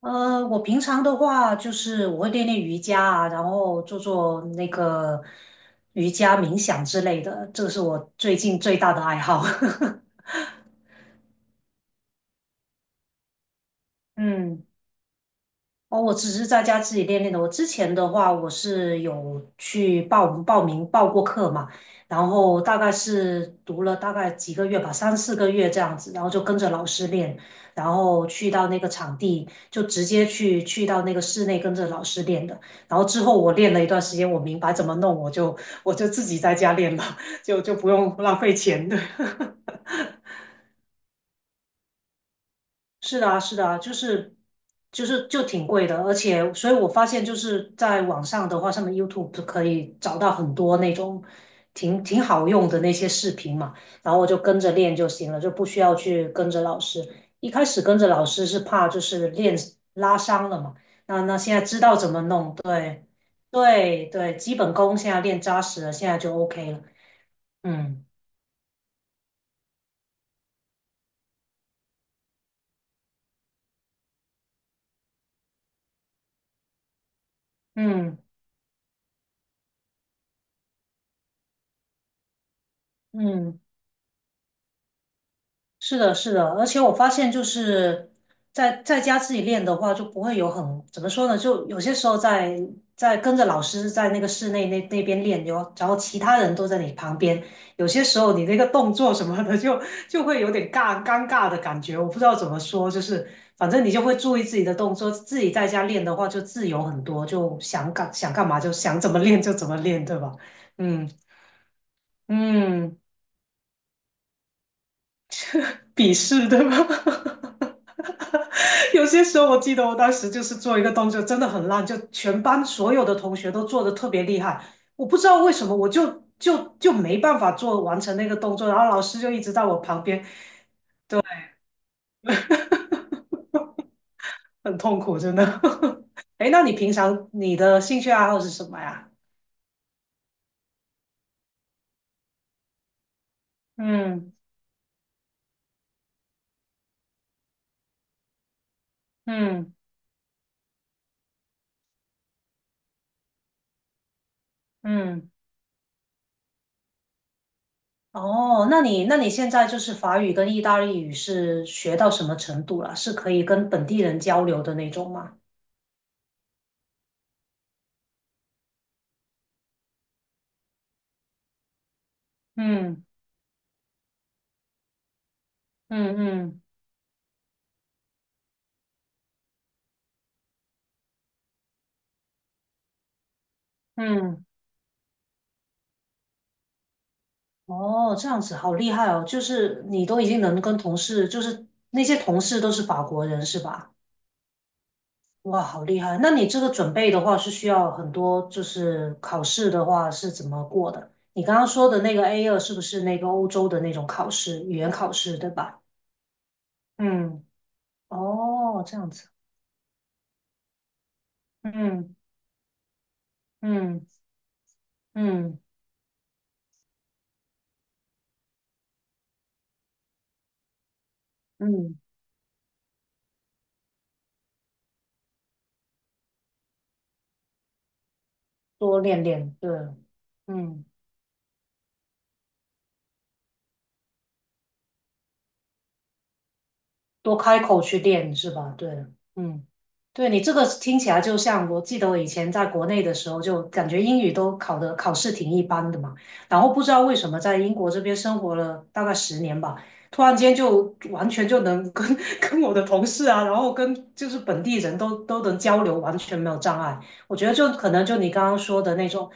我平常的话就是我会练练瑜伽啊，然后做做那个瑜伽冥想之类的，这个是我最近最大的爱好。嗯。哦，我只是在家自己练练的。我之前的话，我是有去报过课嘛，然后大概是读了大概几个月吧，3、4个月这样子，然后就跟着老师练，然后去到那个场地，就直接去到那个室内跟着老师练的。然后之后我练了一段时间，我明白怎么弄，我就自己在家练了，就不用浪费钱的。是的啊，是的啊，就是就挺贵的，而且，所以我发现就是在网上的话，上面 YouTube 可以找到很多那种挺好用的那些视频嘛，然后我就跟着练就行了，就不需要去跟着老师。一开始跟着老师是怕就是练拉伤了嘛，那现在知道怎么弄，对对对，基本功现在练扎实了，现在就 OK 了。嗯嗯嗯。是的，是的，而且我发现就是在家自己练的话，就不会有很怎么说呢，就有些时候在跟着老师在那个室内那边练，哟，然后其他人都在你旁边，有些时候你那个动作什么的就会有点尴尬的感觉，我不知道怎么说，就是反正你就会注意自己的动作，自己在家练的话就自由很多，就想干想干嘛就想怎么练就怎么练，对吧？嗯嗯，鄙视对吧？有些时候我记得我当时就是做一个动作真的很烂，就全班所有的同学都做的特别厉害，我不知道为什么，我就没办法完成那个动作，然后老师就一直在我旁边，很痛苦，真的。哎，那你平常你的兴趣爱好是什么呀？嗯嗯嗯，哦，那你现在就是法语跟意大利语是学到什么程度了？是可以跟本地人交流的那种吗？嗯嗯嗯。嗯，哦，这样子好厉害哦！就是你都已经能跟同事，就是那些同事都是法国人是吧？哇，好厉害！那你这个准备的话是需要很多，就是考试的话是怎么过的？你刚刚说的那个 A2是不是那个欧洲的那种考试，语言考试，对吧？嗯，哦，这样子，嗯嗯嗯嗯嗯，多练练，对，嗯。多开口去练是吧？对，嗯，对你这个听起来就像，我记得我以前在国内的时候，就感觉英语都考的考试挺一般的嘛，然后不知道为什么在英国这边生活了大概10年吧，突然间就完全就能跟 跟我的同事啊，然后跟就是本地人都能交流，完全没有障碍。我觉得就可能就你刚刚说的那种，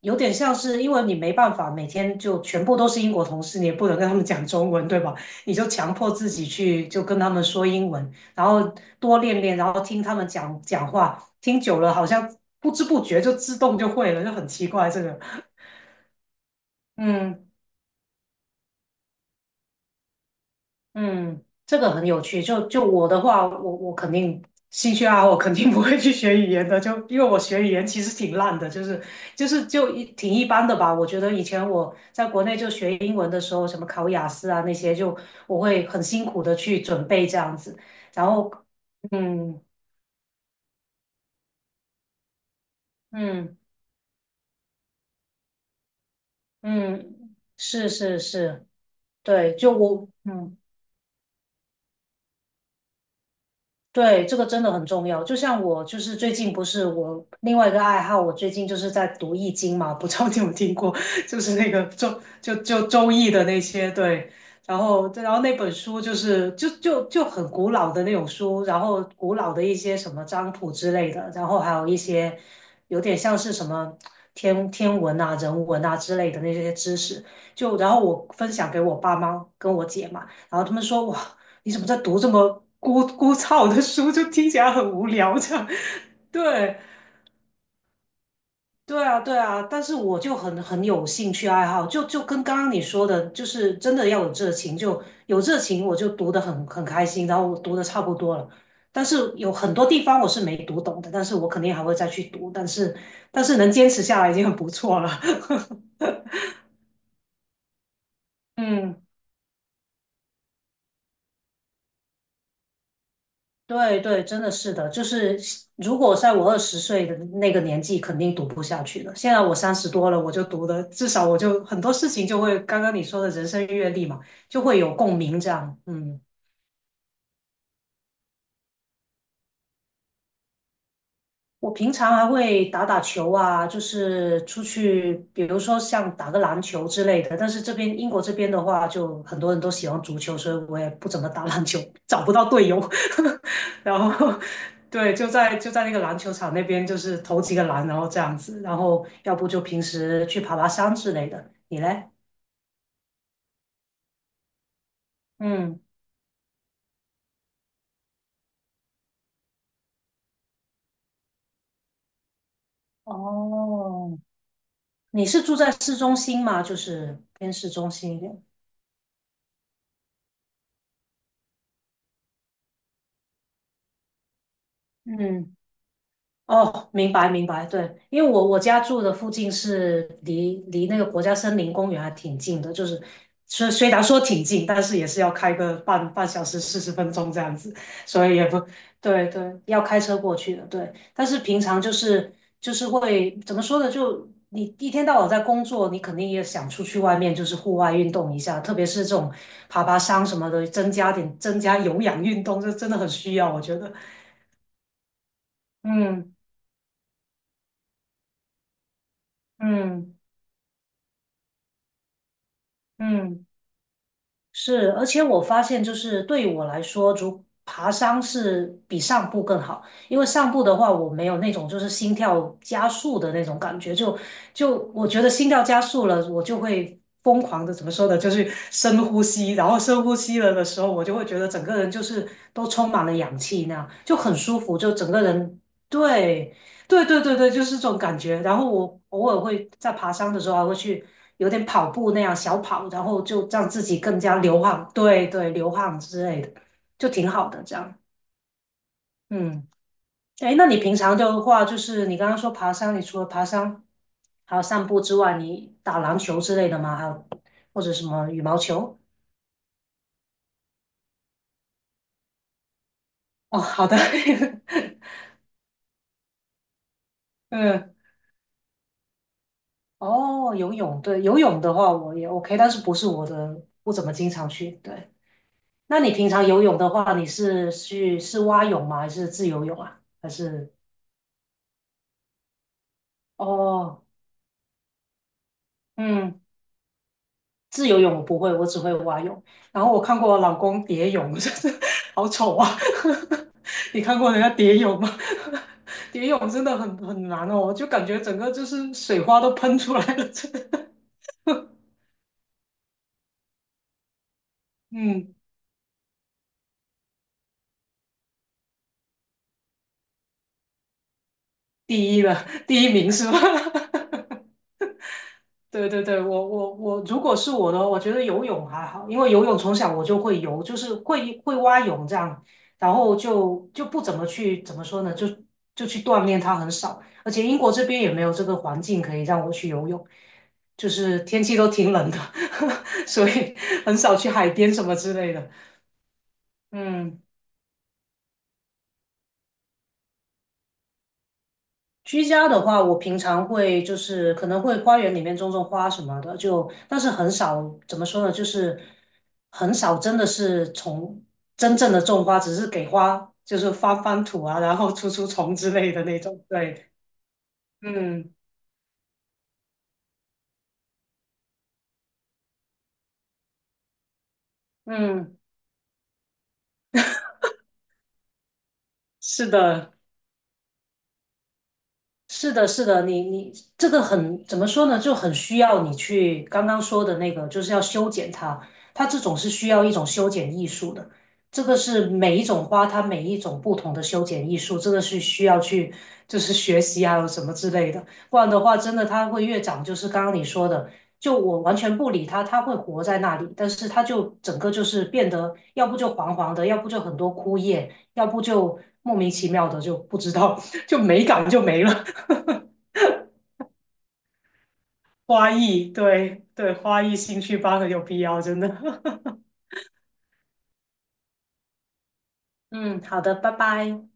有点像是因为你没办法每天就全部都是英国同事，你也不能跟他们讲中文，对吧？你就强迫自己去就跟他们说英文，然后多练练，然后听他们讲讲话，听久了好像不知不觉就自动就会了，就很奇怪这个。嗯嗯，这个很有趣。就我的话，我肯定兴趣爱好，我肯定不会去学语言的。就因为我学语言其实挺烂的，就是就一挺一般的吧。我觉得以前我在国内就学英文的时候，什么考雅思啊那些，就我会很辛苦的去准备这样子。然后，嗯，嗯嗯，是是是，对，就我嗯。对，这个真的很重要。就像我，就是最近不是我另外一个爱好，我最近就是在读《易经》嘛，不知道你有听过，就是那个周周易的那些，对。然后那本书就是就就就很古老的那种书，然后古老的一些什么占卜之类的，然后还有一些有点像是什么天文啊、人文啊之类的那些知识，就然后我分享给我爸妈跟我姐嘛。然后他们说哇，你怎么在读这么枯燥的书？就听起来很无聊这样。对，对啊，对啊。但是我就很有兴趣爱好，就就跟刚刚你说的，就是真的要有热情，就有热情，我就读得很开心，然后我读得差不多了。但是有很多地方我是没读懂的，但是我肯定还会再去读。但是能坚持下来已经很不错了。嗯。对对，真的是的，就是如果在我20岁的那个年纪，肯定读不下去了。现在我30多了，我就读的，至少我就很多事情就会，刚刚你说的人生阅历嘛，就会有共鸣这样。嗯。我平常还会打打球啊，就是出去，比如说像打个篮球之类的。但是这边英国这边的话，就很多人都喜欢足球，所以我也不怎么打篮球，找不到队友。然后，对，就在就在那个篮球场那边，就是投几个篮，然后这样子。然后，要不就平时去爬爬山之类的。你嘞？嗯，哦，你是住在市中心吗？就是偏市中心一点。嗯。哦，明白明白，对，因为我我家住的附近是离那个国家森林公园还挺近的，就是虽然说挺近，但是也是要开个半小时40分钟这样子，所以也不。对对，要开车过去的，对。但是平常就是就是会怎么说呢？就你一天到晚在工作，你肯定也想出去外面就是户外运动一下，特别是这种爬爬山什么的，增加有氧运动，这真的很需要，我觉得。嗯嗯。嗯，是，而且我发现，就是对我来说，如爬山是比上步更好，因为上步的话，我没有那种就是心跳加速的那种感觉，就就我觉得心跳加速了，我就会疯狂的怎么说呢，就是深呼吸，然后深呼吸了的时候，我就会觉得整个人就是都充满了氧气那样，就很舒服，就整个人对。对对对对，就是这种感觉。然后我偶尔会在爬山的时候还会去有点跑步那样小跑，然后就让自己更加流汗，对对，流汗之类的，就挺好的这样。嗯，哎，那你平常的话，就是你刚刚说爬山，你除了爬山还有散步之外，你打篮球之类的吗？还有或者什么羽毛球？哦，好的，嗯，哦，游泳，对，游泳的话我也 OK,但是不是我的，不怎么经常去，对。那你平常游泳的话，你是去是蛙泳吗？还是自由泳啊？还是哦，嗯，自由泳我不会，我只会蛙泳。然后我看过我老公蝶泳，真是好丑啊！你看过人家蝶泳吗？蝶泳真的很难哦，就感觉整个就是水花都喷出来了。真的嗯，第一了，第一名是吧？对对对，我，如果是我的话，我觉得游泳还好，因为游泳从小我就会游，就是会蛙泳这样，然后就不怎么去怎么说呢，就去锻炼它很少，而且英国这边也没有这个环境可以让我去游泳，就是天气都挺冷的，所以很少去海边什么之类的。嗯。居家的话，我平常会就是可能会花园里面种种花什么的，就但是很少，怎么说呢，就是很少真的是从真正的种花，只是给花就是翻翻土啊，然后 除除虫之类的那种。对，嗯嗯，是的。是的，是的，你你这个很怎么说呢？就很需要你去刚刚说的那个，就是要修剪它。它这种是需要一种修剪艺术的，这个是每一种花它每一种不同的修剪艺术，这个是需要去就是学习啊什么之类的。不然的话，真的它会越长，就是刚刚你说的，就我完全不理它，它会活在那里，但是它就整个就是变得，要不就黄黄的，要不就很多枯叶，要不就莫名其妙的就不知道，就美感就没了。花艺，对对，花艺兴趣班很有必要，真的。嗯，好的，拜拜。